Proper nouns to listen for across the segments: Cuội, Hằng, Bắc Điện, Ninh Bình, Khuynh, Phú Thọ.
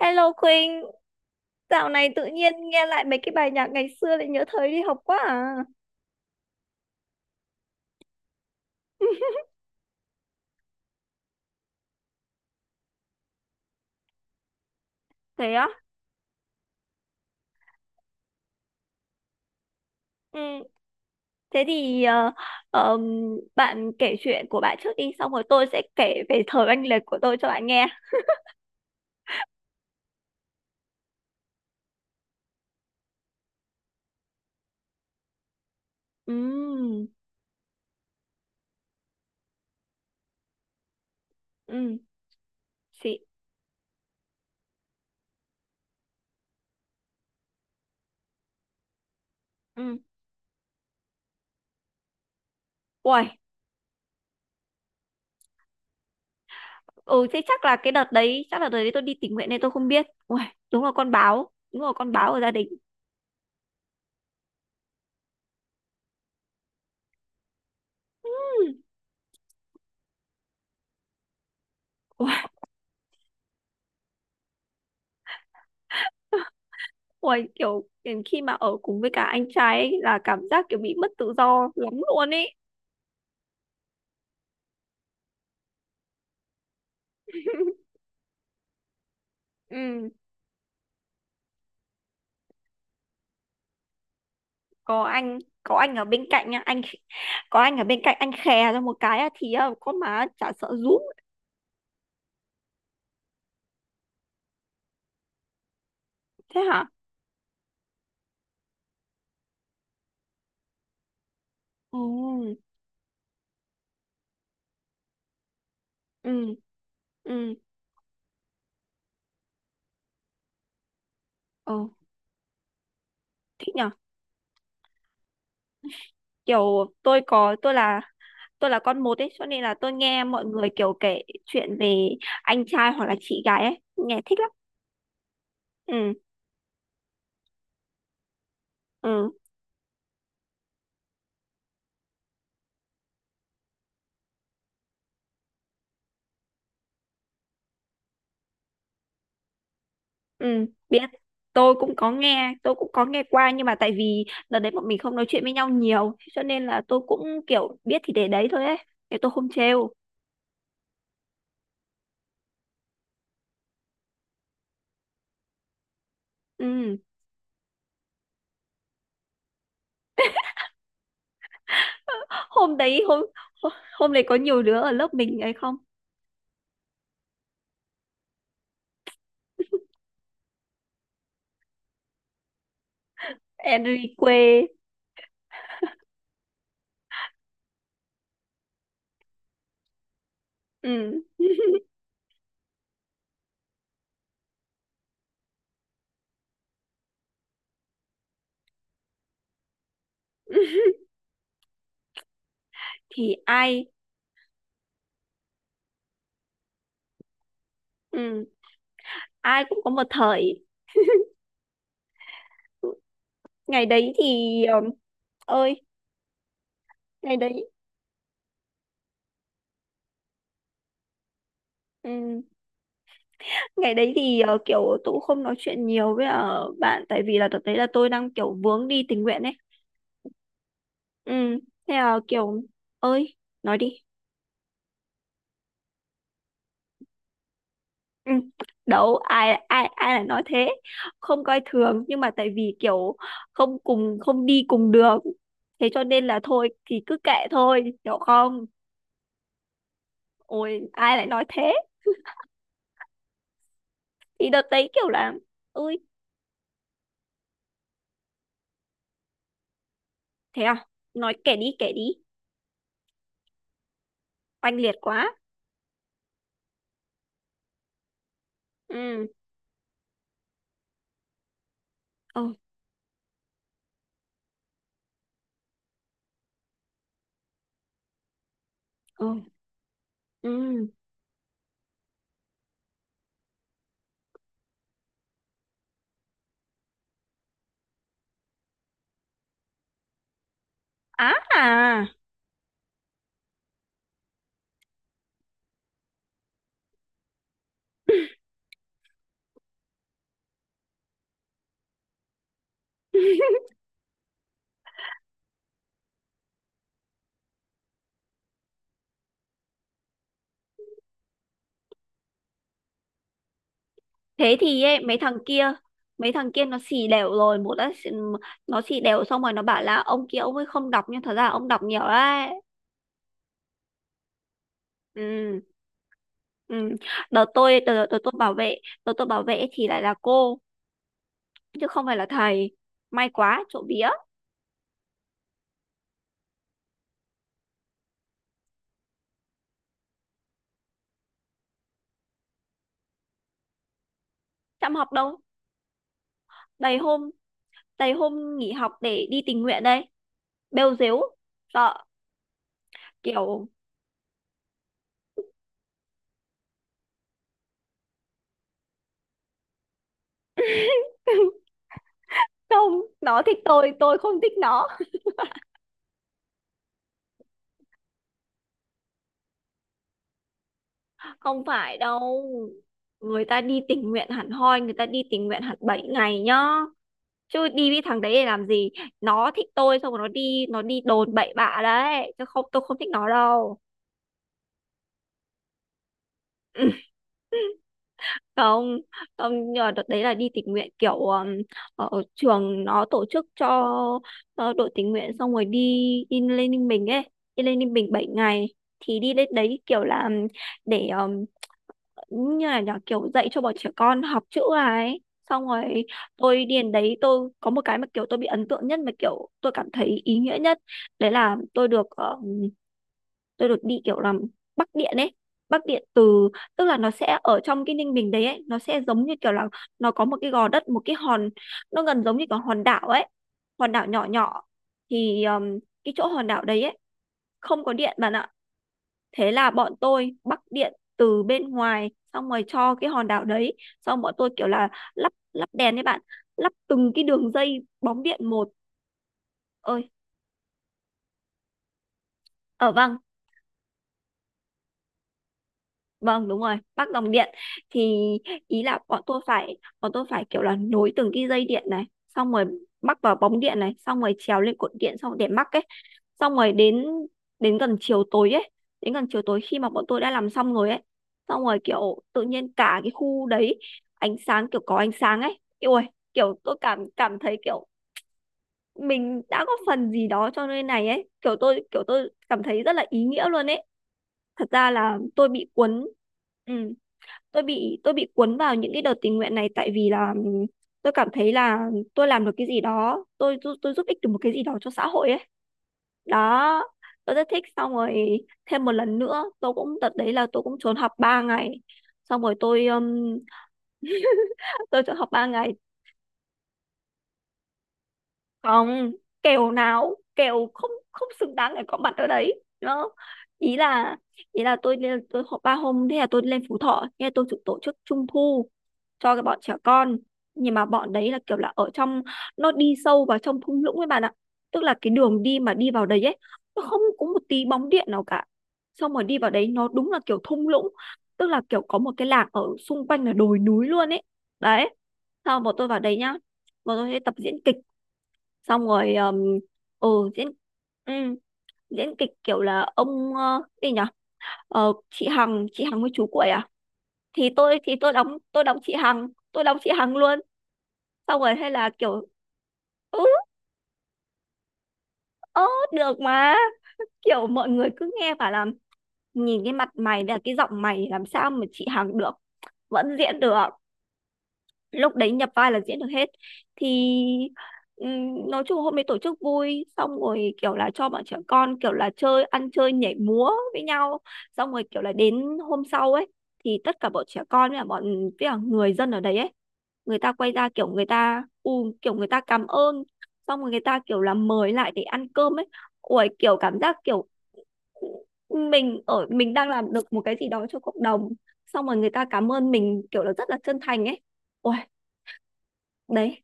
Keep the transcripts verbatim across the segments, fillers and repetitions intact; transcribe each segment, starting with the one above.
Hello Khuynh, dạo này tự nhiên nghe lại mấy cái bài nhạc ngày xưa lại nhớ thời đi học quá à. Thế á? Ừ. Thế thì ờ, ờm, bạn kể chuyện của bạn trước đi, xong rồi tôi sẽ kể về thời oanh liệt của tôi cho bạn nghe. Ừ, ừ, xị, ừ. Uầy, ừ, thế chắc là cái đợt đấy, chắc là đợt đấy tôi đi tình nguyện nên tôi không biết. Uầy, đúng là con báo, đúng là con báo ở gia đình. Ừm. Uầy, uầy, kiểu, kiểu khi mà ở cùng với cả anh trai ấy là cảm giác kiểu bị mất tự do lắm luôn ấy. Ừ. có anh có anh ở bên cạnh nha anh có anh ở bên cạnh anh khè ra một cái á, thì ờ, con má chả sợ rúm. Thế hả? Ừ, ừ, ừ, ừ, thích nhở. Kiểu tôi có tôi là tôi là con một ấy cho nên là tôi nghe mọi người kiểu kể chuyện về anh trai hoặc là chị gái ấy nghe thích lắm. Ừ, ừ, ừ, biết. Tôi cũng có nghe tôi cũng có nghe qua, nhưng mà tại vì đợt đấy bọn mình không nói chuyện với nhau nhiều cho nên là tôi cũng kiểu biết thì để đấy thôi ấy, để tôi không trêu. Ừ. Hôm đấy, hôm hôm hôm đấy có nhiều đứa ở lớp mình ấy không? Enrique? Ừ. Thì ai? Ừ. Ai cũng có một thời. Ngày đấy thì ờ, ơi, ngày đấy, ừ. Ngày đấy thì ờ, kiểu tôi cũng không nói chuyện nhiều với ờ, bạn, tại vì là thực tế là tôi đang kiểu vướng đi tình nguyện ấy. Ừ. Thế là kiểu, ơi, nói đi. Ừ. Đâu, ai ai ai lại nói thế? Không coi thường, nhưng mà tại vì kiểu không cùng không đi cùng đường, thế cho nên là thôi thì cứ kệ thôi, hiểu không? Ôi, ai lại nói thế. Thì đợt đấy kiểu là, ui, thế à? Nói kể đi, kể đi, oanh liệt quá. Ừ, ừ, ừ, ừ, á à. Thế thì ấy, mấy thằng kia mấy thằng kia nó xì đều rồi, một đã xì- nó xì đều xong rồi nó bảo là ông kia ông ấy không đọc nhưng thật ra ông đọc nhiều đấy. Ừ, ừ. đợt tôi đợt, đợt tôi bảo vệ Đợt tôi bảo vệ thì lại là cô chứ không phải là thầy, may quá trộm vía. Chăm học đâu, đầy hôm, đầy hôm nghỉ học để đi tình nguyện đây. Bêu dếu, sợ, kiểu. Không, nó thích tôi tôi không thích nó. Không phải đâu, người ta đi tình nguyện hẳn hoi, người ta đi tình nguyện hẳn bảy ngày nhá, chứ đi với thằng đấy để làm gì. Nó thích tôi xong rồi nó đi, nó đi đồn bậy bạ đấy chứ không, tôi không thích nó đâu. Không, không, nhờ đợt đấy là đi tình nguyện kiểu um, ở trường nó tổ chức cho ờ, đội tình nguyện, xong rồi đi đi lên Ninh Bình ấy, đi lên Ninh Bình bảy ngày. Thì đi lên đấy kiểu là um, để um, như là nhỏ kiểu dạy cho bọn trẻ con học chữ à ấy, xong rồi tôi đi đến đấy, tôi có một cái mà kiểu tôi bị ấn tượng nhất mà kiểu tôi cảm thấy ý nghĩa nhất. Đấy là tôi được, ờ, tôi được đi kiểu làm Bắc Điện ấy, Bắc Điện từ, tức là nó sẽ ở trong cái Ninh Bình đấy ấy, nó sẽ giống như kiểu là nó có một cái gò đất, một cái hòn, nó gần giống như cái hòn đảo ấy, hòn đảo nhỏ nhỏ. Thì um, cái chỗ hòn đảo đấy ấy không có điện bạn ạ. Thế là bọn tôi Bắc Điện từ bên ngoài xong rồi cho cái hòn đảo đấy. Xong bọn tôi kiểu là lắp lắp đèn đấy bạn, lắp từng cái đường dây bóng điện một. Ơi, ở, vâng, vâng, đúng rồi, Bắc Dòng Điện. Thì ý là bọn tôi phải bọn tôi phải kiểu là nối từng cái dây điện này, xong rồi mắc vào bóng điện này, xong rồi trèo lên cột điện xong để mắc ấy. Xong rồi đến đến gần chiều tối ấy, đến gần chiều tối khi mà bọn tôi đã làm xong rồi ấy, xong rồi kiểu tự nhiên cả cái khu đấy ánh sáng, kiểu có ánh sáng ấy. Ui, kiểu tôi cảm cảm thấy kiểu mình đã góp phần gì đó cho nơi này ấy, kiểu tôi kiểu tôi cảm thấy rất là ý nghĩa luôn ấy. Thật ra là tôi bị cuốn, ừ, tôi bị tôi bị cuốn vào những cái đợt tình nguyện này tại vì là ừm, tôi cảm thấy là tôi làm được cái gì đó, tôi tôi, tôi giúp ích được một cái gì đó cho xã hội ấy, đó, tôi rất thích. Xong rồi thêm một lần nữa tôi cũng, đợt đấy là tôi cũng trốn học ba ngày, xong rồi tôi ừm, tôi trốn học ba ngày. Không, kèo nào, kèo không, không xứng đáng để có mặt ở đấy đó. Ý là, ý là tôi lên- tôi họp ba hôm, thế là tôi lên Phú Thọ, thế là tôi chụp tổ chức trung thu cho cái bọn trẻ con. Nhưng mà bọn đấy là kiểu là ở trong, nó đi sâu vào trong thung lũng ấy bạn ạ. Tức là cái đường đi mà đi vào đấy ấy nó không có một tí bóng điện nào cả. Xong rồi đi vào đấy nó đúng là kiểu thung lũng, tức là kiểu có một cái làng ở xung quanh là đồi núi luôn ấy. Đấy. Sau bọn tôi vào đấy nhá, bọn tôi sẽ tập diễn kịch, xong rồi um, ừ, diễn, ừ, diễn kịch kiểu là ông, ờ, gì nhỉ, ờ, chị Hằng, chị Hằng với chú Cuội à. Thì tôi thì tôi đóng, tôi đóng chị Hằng, tôi đóng chị Hằng luôn. Xong rồi hay là kiểu, ừ, ớ, được mà. Kiểu mọi người cứ nghe bảo là nhìn cái mặt mày, là cái giọng mày làm sao mà chị Hằng được. Vẫn diễn được, lúc đấy nhập vai là diễn được hết. Thì ừm, nói chung hôm ấy tổ chức vui, xong rồi kiểu là cho bọn trẻ con kiểu là chơi, ăn chơi nhảy múa với nhau, xong rồi kiểu là đến hôm sau ấy thì tất cả bọn trẻ con với cả bọn với cả người dân ở đấy ấy, người ta quay ra kiểu người ta u, kiểu người ta cảm ơn, xong rồi người ta kiểu là mời lại để ăn cơm ấy. Ui, kiểu cảm giác kiểu mình ở, mình đang làm được một cái gì đó cho cộng đồng, xong rồi người ta cảm ơn mình kiểu là rất là chân thành ấy. Ui, đấy.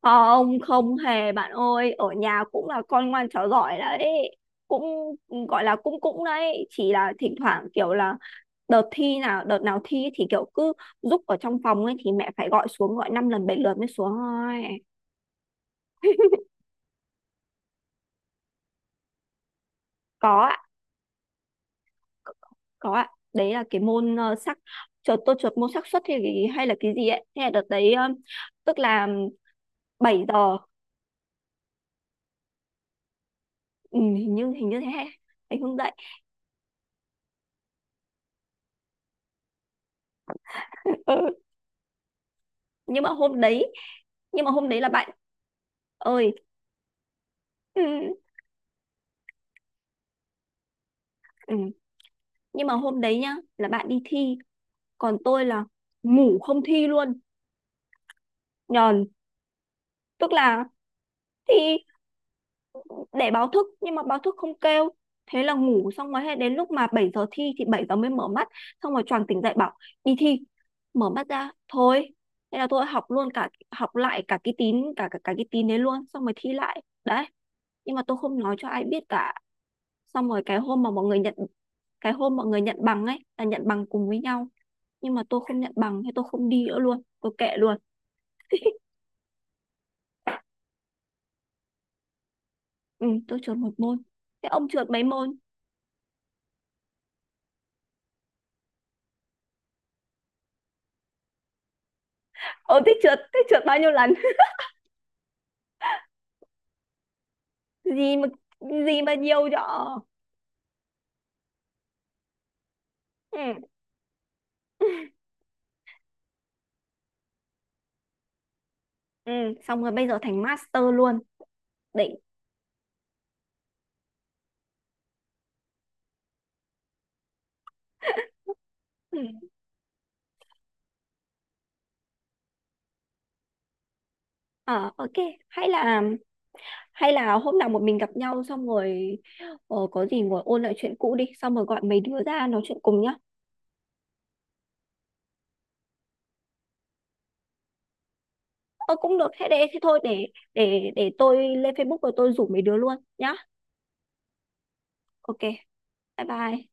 ờ, ông không hề bạn ơi, ở nhà cũng là con ngoan trò giỏi đấy, cũng, ừ, gọi là cũng, cũng đấy, chỉ là thỉnh thoảng kiểu là đợt thi nào, đợt nào thi ấy thì kiểu cứ giúp ở trong phòng ấy thì mẹ phải gọi xuống, gọi năm lần bảy lượt mới xuống thôi. Có ạ, có có ạ. Đấy là cái môn ờ, xác trượt tôi trượt môn xác suất hay cái- hay là cái gì ấy, thế là đợt đấy ờ, tức là bảy giờ. Ừ, hình như hình như thế. Anh không dậy. Ừ. nhưng mà hôm đấy nhưng mà hôm đấy là bạn ơi. Ừ, ừ. Nhưng mà hôm đấy nhá, là bạn đi thi còn tôi là ngủ không thi luôn, nhờn. Tức là thi để báo thức nhưng mà báo thức không kêu, thế là ngủ, xong rồi hết, đến lúc mà bảy giờ thi thì bảy giờ mới mở mắt, xong rồi choàng tỉnh dậy bảo đi thi, mở mắt ra thôi. Thế là tôi học luôn, cả học lại cả cái tín, cả cả, cả cái tín đấy luôn, xong rồi thi lại đấy, nhưng mà tôi không nói cho ai biết cả. Xong rồi cái hôm mà mọi người nhận, cái hôm mọi người nhận bằng ấy là nhận bằng cùng với nhau nhưng mà tôi không nhận bằng, thế tôi không đi nữa luôn, tôi kệ luôn. Ừ, tôi trượt một môn. Thế ông trượt mấy môn? Ông thích trượt, thích trượt bao nhiêu lần. Gì mà, gì mà nhiều cho. Ừ, ừ. Xong rồi bây giờ thành master luôn. Đỉnh. Ừ. Ờ, ok. Hay là, hay là hôm nào một mình gặp nhau xong rồi ờ, có gì ngồi ôn lại chuyện cũ đi, xong rồi gọi mấy đứa ra nói chuyện cùng nhá. Ờ cũng được, thế để thế thôi để, để để tôi lên Facebook rồi tôi rủ mấy đứa luôn nhá. Ok, bye bye.